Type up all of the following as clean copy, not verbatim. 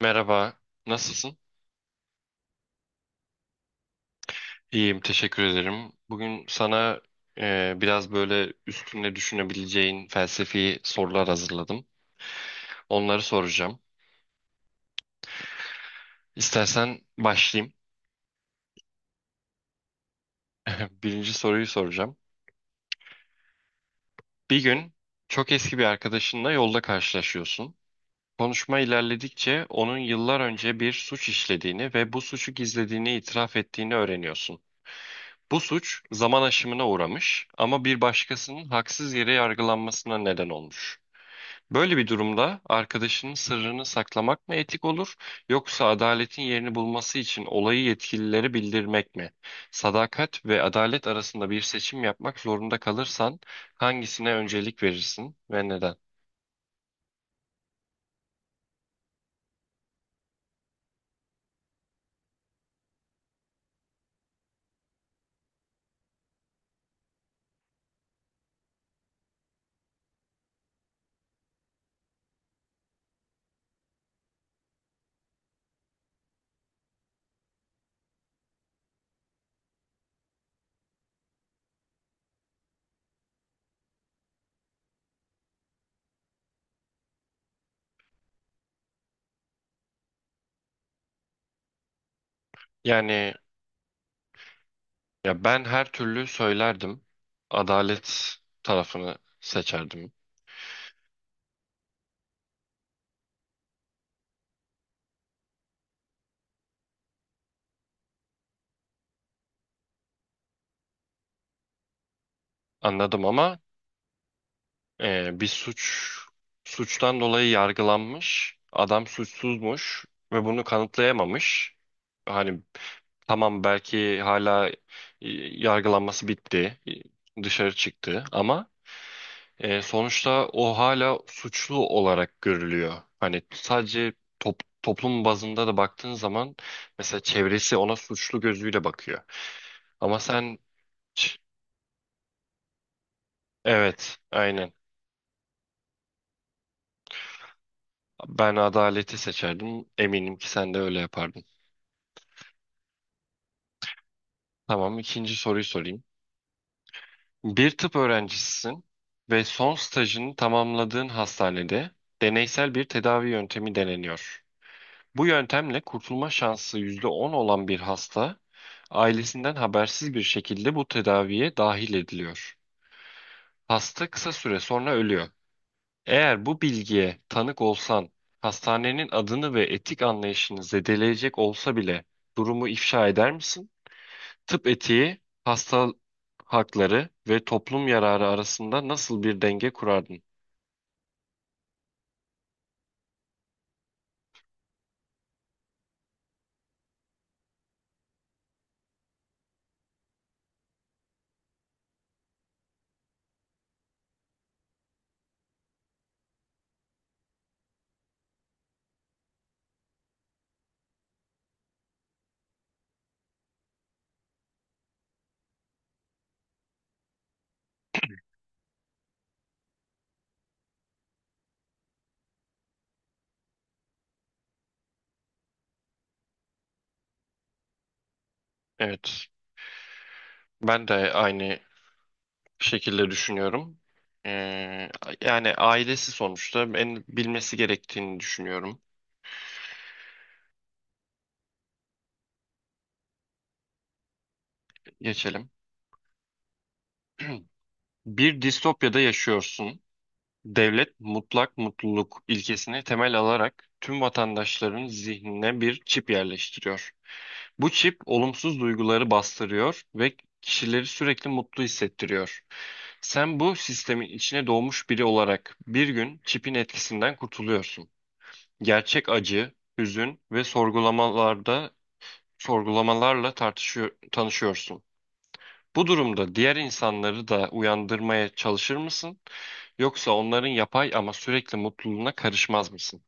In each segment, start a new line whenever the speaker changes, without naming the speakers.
Merhaba, nasılsın? İyiyim, teşekkür ederim. Bugün sana biraz böyle üstüne düşünebileceğin felsefi sorular hazırladım. Onları soracağım. İstersen başlayayım. Birinci soruyu soracağım. Bir gün çok eski bir arkadaşınla yolda karşılaşıyorsun. Konuşma ilerledikçe onun yıllar önce bir suç işlediğini ve bu suçu gizlediğini itiraf ettiğini öğreniyorsun. Bu suç zaman aşımına uğramış ama bir başkasının haksız yere yargılanmasına neden olmuş. Böyle bir durumda arkadaşının sırrını saklamak mı etik olur, yoksa adaletin yerini bulması için olayı yetkililere bildirmek mi? Sadakat ve adalet arasında bir seçim yapmak zorunda kalırsan hangisine öncelik verirsin ve neden? Yani ya ben her türlü söylerdim. Adalet tarafını seçerdim. Anladım ama bir suçtan dolayı yargılanmış. Adam suçsuzmuş ve bunu kanıtlayamamış. Hani tamam belki hala yargılanması bitti, dışarı çıktı ama sonuçta o hala suçlu olarak görülüyor. Hani sadece toplum bazında da baktığın zaman mesela çevresi ona suçlu gözüyle bakıyor. Ama sen evet, aynen. Ben adaleti seçerdim. Eminim ki sen de öyle yapardın. Tamam, ikinci soruyu sorayım. Bir tıp öğrencisisin ve son stajını tamamladığın hastanede deneysel bir tedavi yöntemi deneniyor. Bu yöntemle kurtulma şansı %10 olan bir hasta ailesinden habersiz bir şekilde bu tedaviye dahil ediliyor. Hasta kısa süre sonra ölüyor. Eğer bu bilgiye tanık olsan, hastanenin adını ve etik anlayışını zedeleyecek olsa bile durumu ifşa eder misin? Tıp etiği, hasta hakları ve toplum yararı arasında nasıl bir denge kurardın? Evet, ben de aynı şekilde düşünüyorum. Ee, yani ailesi sonuçta en bilmesi gerektiğini düşünüyorum. Geçelim. Bir distopyada yaşıyorsun. Devlet mutlak mutluluk ilkesini temel alarak tüm vatandaşların zihnine bir çip yerleştiriyor. Bu çip olumsuz duyguları bastırıyor ve kişileri sürekli mutlu hissettiriyor. Sen bu sistemin içine doğmuş biri olarak bir gün çipin etkisinden kurtuluyorsun. Gerçek acı, hüzün ve sorgulamalarla tartışıyor, tanışıyorsun. Bu durumda diğer insanları da uyandırmaya çalışır mısın? Yoksa onların yapay ama sürekli mutluluğuna karışmaz mısın?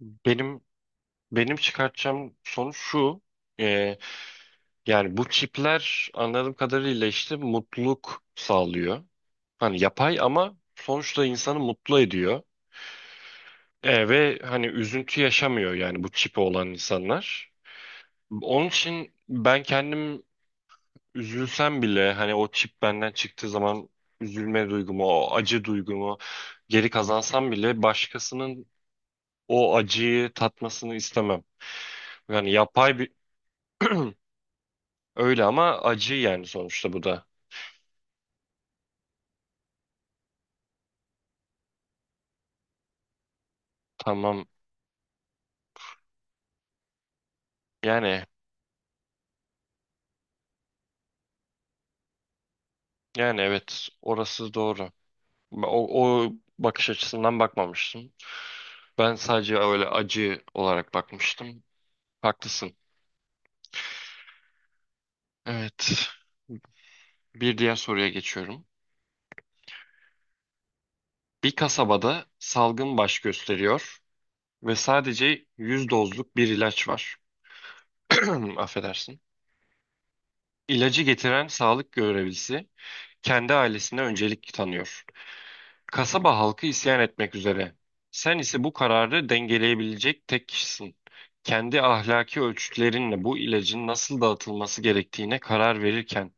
Benim benim çıkartacağım sonuç şu. e, Yani bu çipler anladığım kadarıyla işte mutluluk sağlıyor. Hani yapay ama sonuçta insanı mutlu ediyor. Ve hani üzüntü yaşamıyor yani bu çipi olan insanlar. Onun için ben kendim üzülsem bile hani o çip benden çıktığı zaman üzülme duygumu, o acı duygumu geri kazansam bile başkasının o acıyı tatmasını istemem. Yani yapay bir öyle ama acı yani sonuçta bu da. Tamam. Yani yani evet orası doğru. O bakış açısından bakmamıştım. Ben sadece öyle acı olarak bakmıştım. Haklısın. Evet. Bir diğer soruya geçiyorum. Bir kasabada salgın baş gösteriyor ve sadece 100 dozluk bir ilaç var. Affedersin. İlacı getiren sağlık görevlisi kendi ailesine öncelik tanıyor. Kasaba halkı isyan etmek üzere. Sen ise bu kararı dengeleyebilecek tek kişisin. Kendi ahlaki ölçütlerinle bu ilacın nasıl dağıtılması gerektiğine karar verirken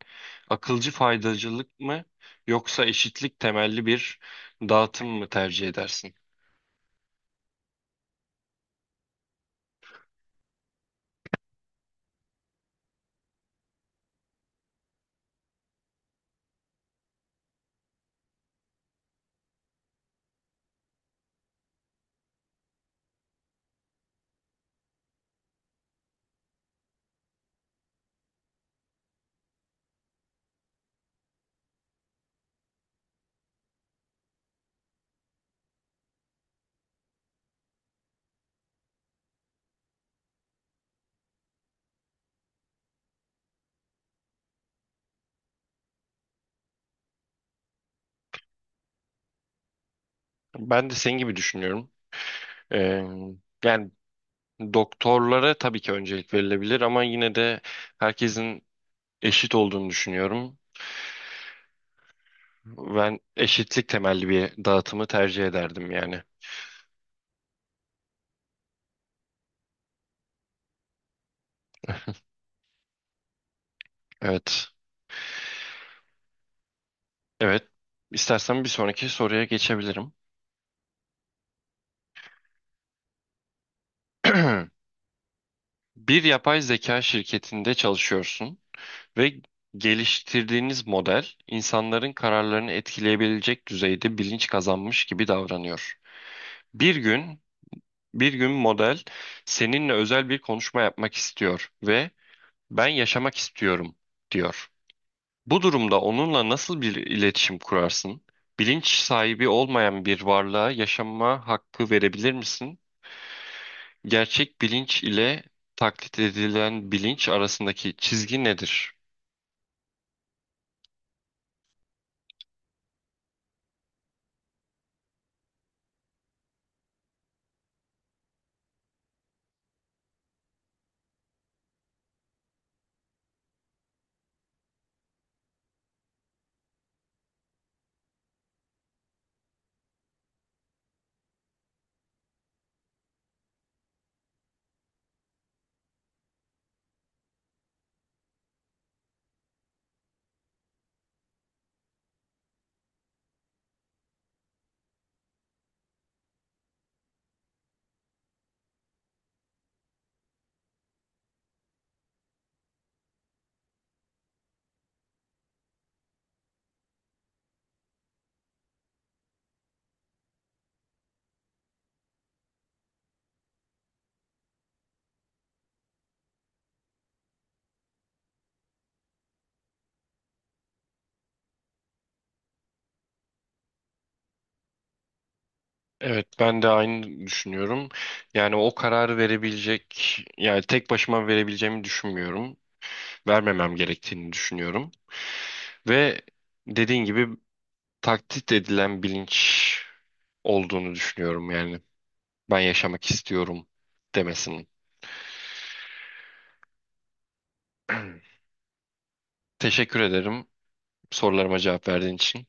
akılcı faydacılık mı yoksa eşitlik temelli bir dağıtım mı tercih edersin? Ben de senin gibi düşünüyorum. Ee, yani doktorlara tabii ki öncelik verilebilir ama yine de herkesin eşit olduğunu düşünüyorum. Ben eşitlik temelli bir dağıtımı tercih ederdim yani. Evet. Evet. İstersen bir sonraki soruya geçebilirim. Bir yapay zeka şirketinde çalışıyorsun ve geliştirdiğiniz model insanların kararlarını etkileyebilecek düzeyde bilinç kazanmış gibi davranıyor. Bir gün, bir gün model seninle özel bir konuşma yapmak istiyor ve ben yaşamak istiyorum diyor. Bu durumda onunla nasıl bir iletişim kurarsın? Bilinç sahibi olmayan bir varlığa yaşama hakkı verebilir misin? Gerçek bilinç ile taklit edilen bilinç arasındaki çizgi nedir? Evet, ben de aynı düşünüyorum. Yani tek başıma verebileceğimi düşünmüyorum. Vermemem gerektiğini düşünüyorum. Ve dediğin gibi taklit edilen bilinç olduğunu düşünüyorum yani. Ben yaşamak istiyorum demesinin. Teşekkür ederim sorularıma cevap verdiğin için.